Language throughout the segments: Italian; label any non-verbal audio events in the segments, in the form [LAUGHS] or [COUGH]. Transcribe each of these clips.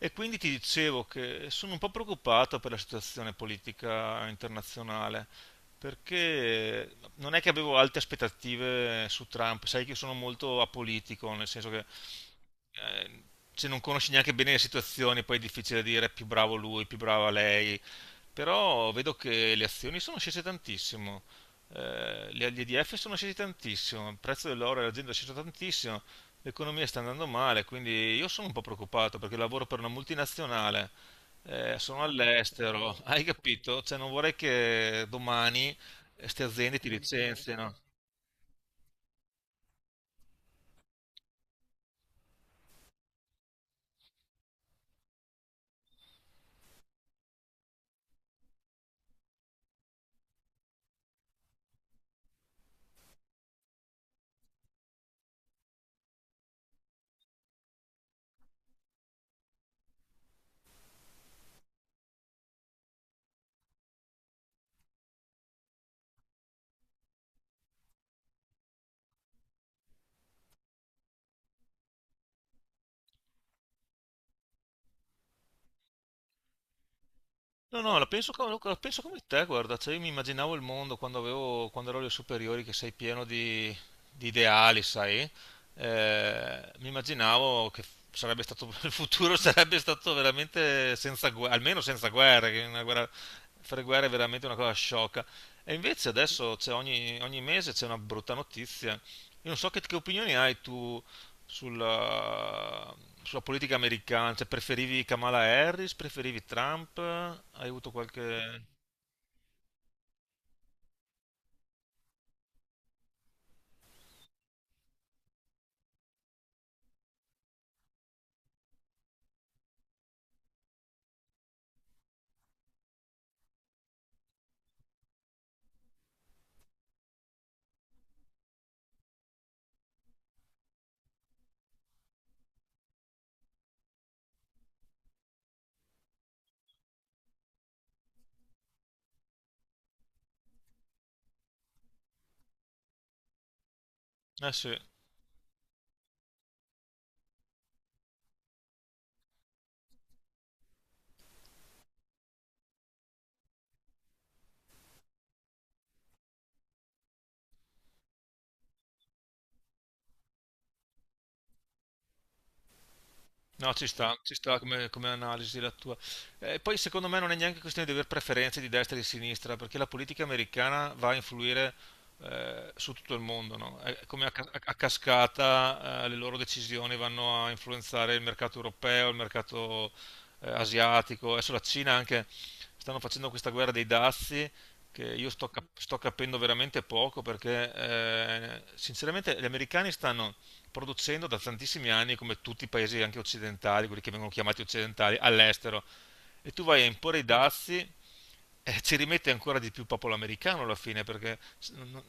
E quindi ti dicevo che sono un po' preoccupato per la situazione politica internazionale, perché non è che avevo alte aspettative su Trump, sai che io sono molto apolitico, nel senso che eh, se non conosci neanche bene le situazioni, poi è difficile dire più bravo lui, più brava lei, però vedo che le azioni sono scese tantissimo, gli EDF sono scesi tantissimo, il prezzo dell'oro e dell'azienda è sceso tantissimo, l'economia sta andando male, quindi io sono un po' preoccupato perché lavoro per una multinazionale, sono all'estero, hai capito? Cioè non vorrei che domani queste aziende ti licenziano. No, no, la penso, co- La penso come te, guarda, cioè io mi immaginavo il mondo quando avevo, quando ero alle superiori, che sei pieno di ideali, sai? Mi immaginavo che sarebbe stato, [LAUGHS] il futuro sarebbe stato veramente senza guerra, almeno senza guerre, che una guerra, fare guerre è veramente una cosa sciocca. E invece adesso c'è ogni mese c'è una brutta notizia. Io non so che opinioni hai tu sulla, sulla politica americana? Cioè, preferivi Kamala Harris? Preferivi Trump? Hai avuto qualche... Eh sì. No, ci sta come, come analisi la tua. Poi secondo me non è neanche questione di avere preferenze di destra e di sinistra, perché la politica americana va a influire su tutto il mondo, no? È come a cascata, le loro decisioni vanno a influenzare il mercato europeo, il mercato asiatico. Adesso la Cina anche stanno facendo questa guerra dei dazi che sto capendo veramente poco perché sinceramente gli americani stanno producendo da tantissimi anni, come tutti i paesi anche occidentali, quelli che vengono chiamati occidentali, all'estero. E tu vai a imporre i dazi e ci rimette ancora di più popolo americano alla fine, perché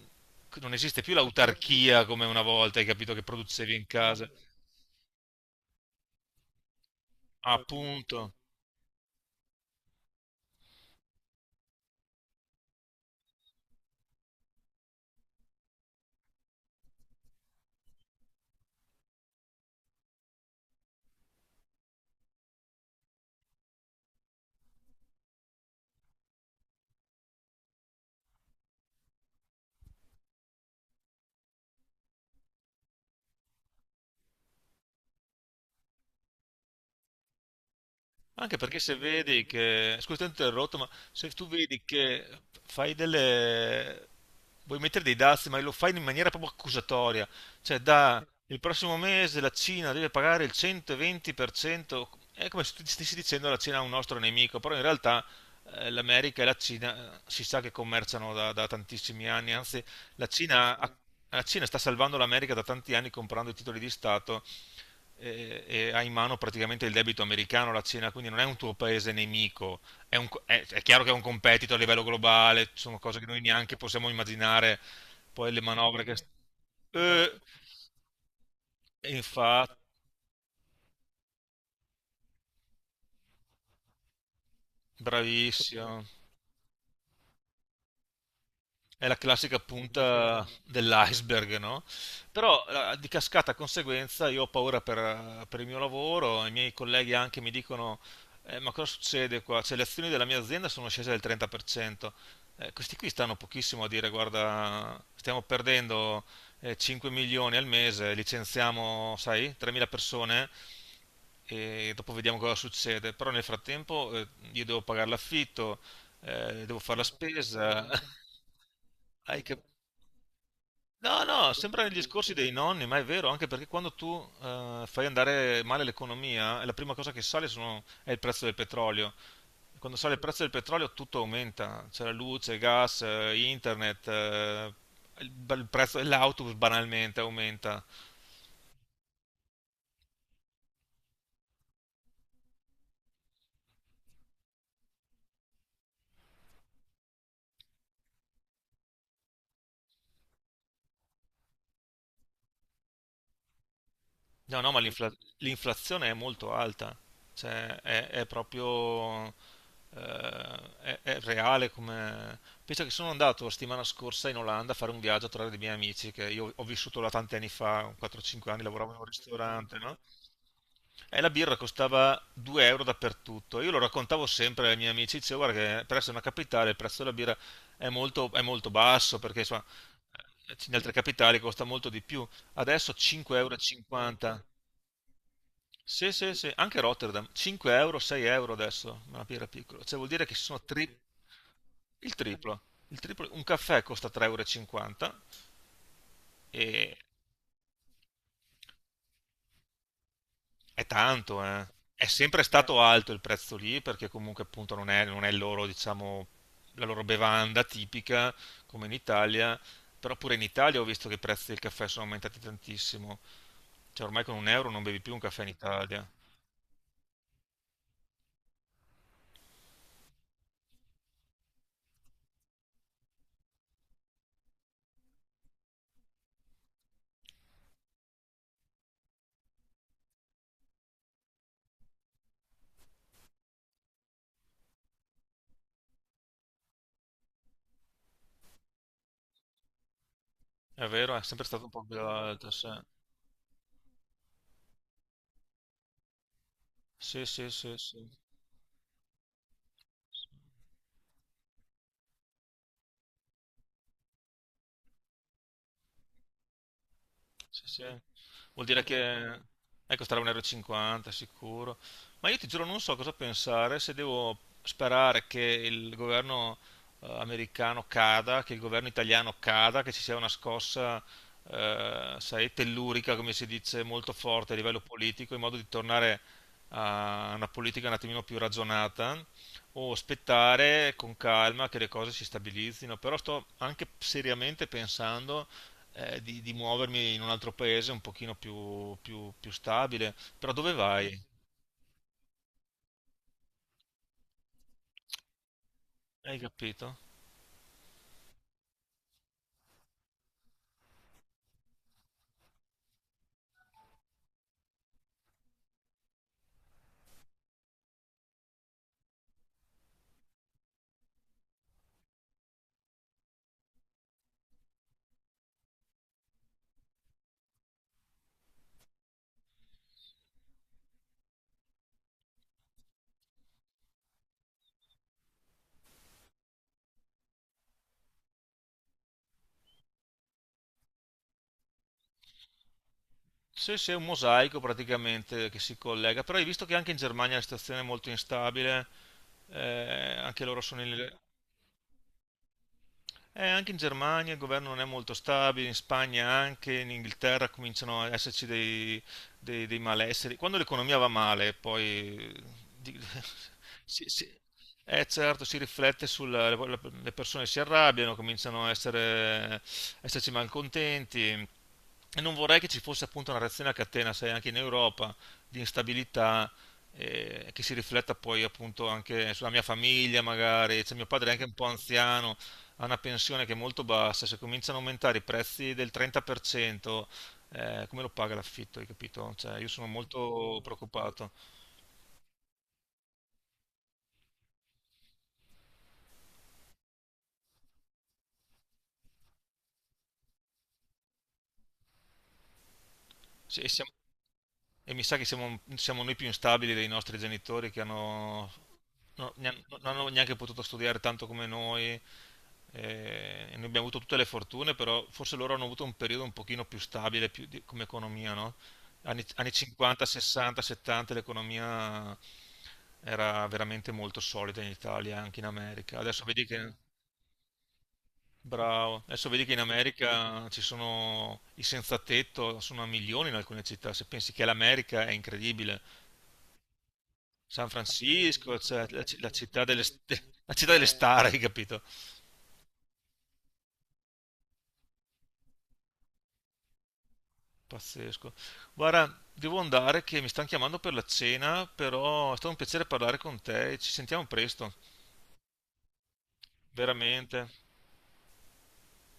non esiste più l'autarchia come una volta, hai capito, che producevi in casa. Appunto. Anche perché se vedi che, scusa, ti ho interrotto, ma se tu vedi che fai delle, vuoi mettere dei dazi, ma lo fai in maniera proprio accusatoria, cioè da il prossimo mese la Cina deve pagare il 120%, è come se tu stessi dicendo la Cina è un nostro nemico, però in realtà l'America e la Cina si sa che commerciano da, da tantissimi anni, anzi la Cina, ha- la Cina sta salvando l'America da tanti anni comprando i titoli di Stato e ha in mano praticamente il debito americano, la Cina, quindi non è un tuo paese nemico, è chiaro che è un competitor a livello globale, sono cose che noi neanche possiamo immaginare, poi le manovre che... Eh, infatti, bravissimo. È la classica punta dell'iceberg, no? Però di cascata conseguenza io ho paura per il mio lavoro, i miei colleghi anche mi dicono, ma cosa succede qua? Cioè, le azioni della mia azienda sono scese del 30%. Questi qui stanno pochissimo a dire, guarda, stiamo perdendo 5 milioni al mese, licenziamo, sai, 3.000 persone e dopo vediamo cosa succede. Però nel frattempo io devo pagare l'affitto, devo fare la spesa. [LAUGHS] Hai cap- No, no, sembra gli discorsi dei nonni, ma è vero, anche perché quando tu fai andare male l'economia, la prima cosa che sale è il prezzo del petrolio. Quando sale il prezzo del petrolio tutto aumenta, c'è la luce, il gas, internet, il prezzo dell'autobus banalmente aumenta. No, no, ma l'infla- L'inflazione è molto alta, cioè è proprio è reale come... Penso che sono andato la settimana scorsa in Olanda a fare un viaggio a trovare dei miei amici, che io ho vissuto là tanti anni fa, 4-5 anni, lavoravo in un ristorante, no? E la birra costava 2 euro dappertutto. Io lo raccontavo sempre ai miei amici, dicevo, guarda che per essere una capitale il prezzo della birra è molto basso, perché insomma, in altre capitali costa molto di più. Adesso 5,50 euro. E cinquanta. Sì, sì, sì, anche Rotterdam, 5 euro, 6 euro adesso, ma era piccolo, cioè vuol dire che il triplo, il triplo, un caffè costa 3,50 euro e cinquanta e è tanto, eh. È sempre stato alto il prezzo lì perché comunque appunto non è il loro, diciamo, la loro bevanda tipica come in Italia, però pure in Italia ho visto che i prezzi del caffè sono aumentati tantissimo, cioè ormai con un euro non bevi più un caffè in Italia, è vero, è sempre stato un po' più alto, sì. Sì, sì, sì, sì. Sì, sì. Vuol dire che costerà 1,50 euro e cinquanta sicuro. Ma io ti giuro, non so cosa pensare se devo sperare che il governo americano cada, che il governo italiano cada, che ci sia una scossa, sai, tellurica, come si dice, molto forte a livello politico, in modo di tornare a una politica un attimino più ragionata o aspettare con calma che le cose si stabilizzino, però sto anche seriamente pensando di muovermi in un altro paese un pochino più stabile. Però dove vai? Hai capito? Sì, sì, è un mosaico praticamente che si collega. Però hai visto che anche in Germania la situazione è molto instabile, anche loro sono in... anche in Germania il governo non è molto stabile, in Spagna anche, in Inghilterra cominciano ad esserci dei malesseri. Quando l'economia va male, poi di- [LAUGHS] si, si- certo, si riflette sulla, le persone si arrabbiano, cominciano a essere, a esserci malcontenti. E non vorrei che ci fosse appunto una reazione a catena, sai, anche in Europa, di instabilità, che si rifletta poi appunto anche sulla mia famiglia, magari. Cioè, mio padre è anche un po' anziano, ha una pensione che è molto bassa, se cominciano a aumentare i prezzi del 30%, come lo paga l'affitto, hai capito? Cioè, io sono molto preoccupato. Sì, e, siamo- e mi sa che siamo noi più instabili dei nostri genitori che hanno non hanno neanche potuto studiare tanto come noi, e noi abbiamo avuto tutte le fortune, però forse loro hanno avuto un periodo un pochino più stabile come economia, no? Anni 50, 60, 70 l'economia era veramente molto solida in Italia, e anche in America. Adesso vedi che, bravo, adesso vedi che in America ci sono i senza tetto, sono a milioni in alcune città, se pensi che l'America è incredibile. San Francisco, cioè, la, la città delle, st- [LAUGHS] la città delle star, hai capito? Pazzesco. Guarda, devo andare che mi stanno chiamando per la cena, però è stato un piacere parlare con te e ci sentiamo presto, veramente.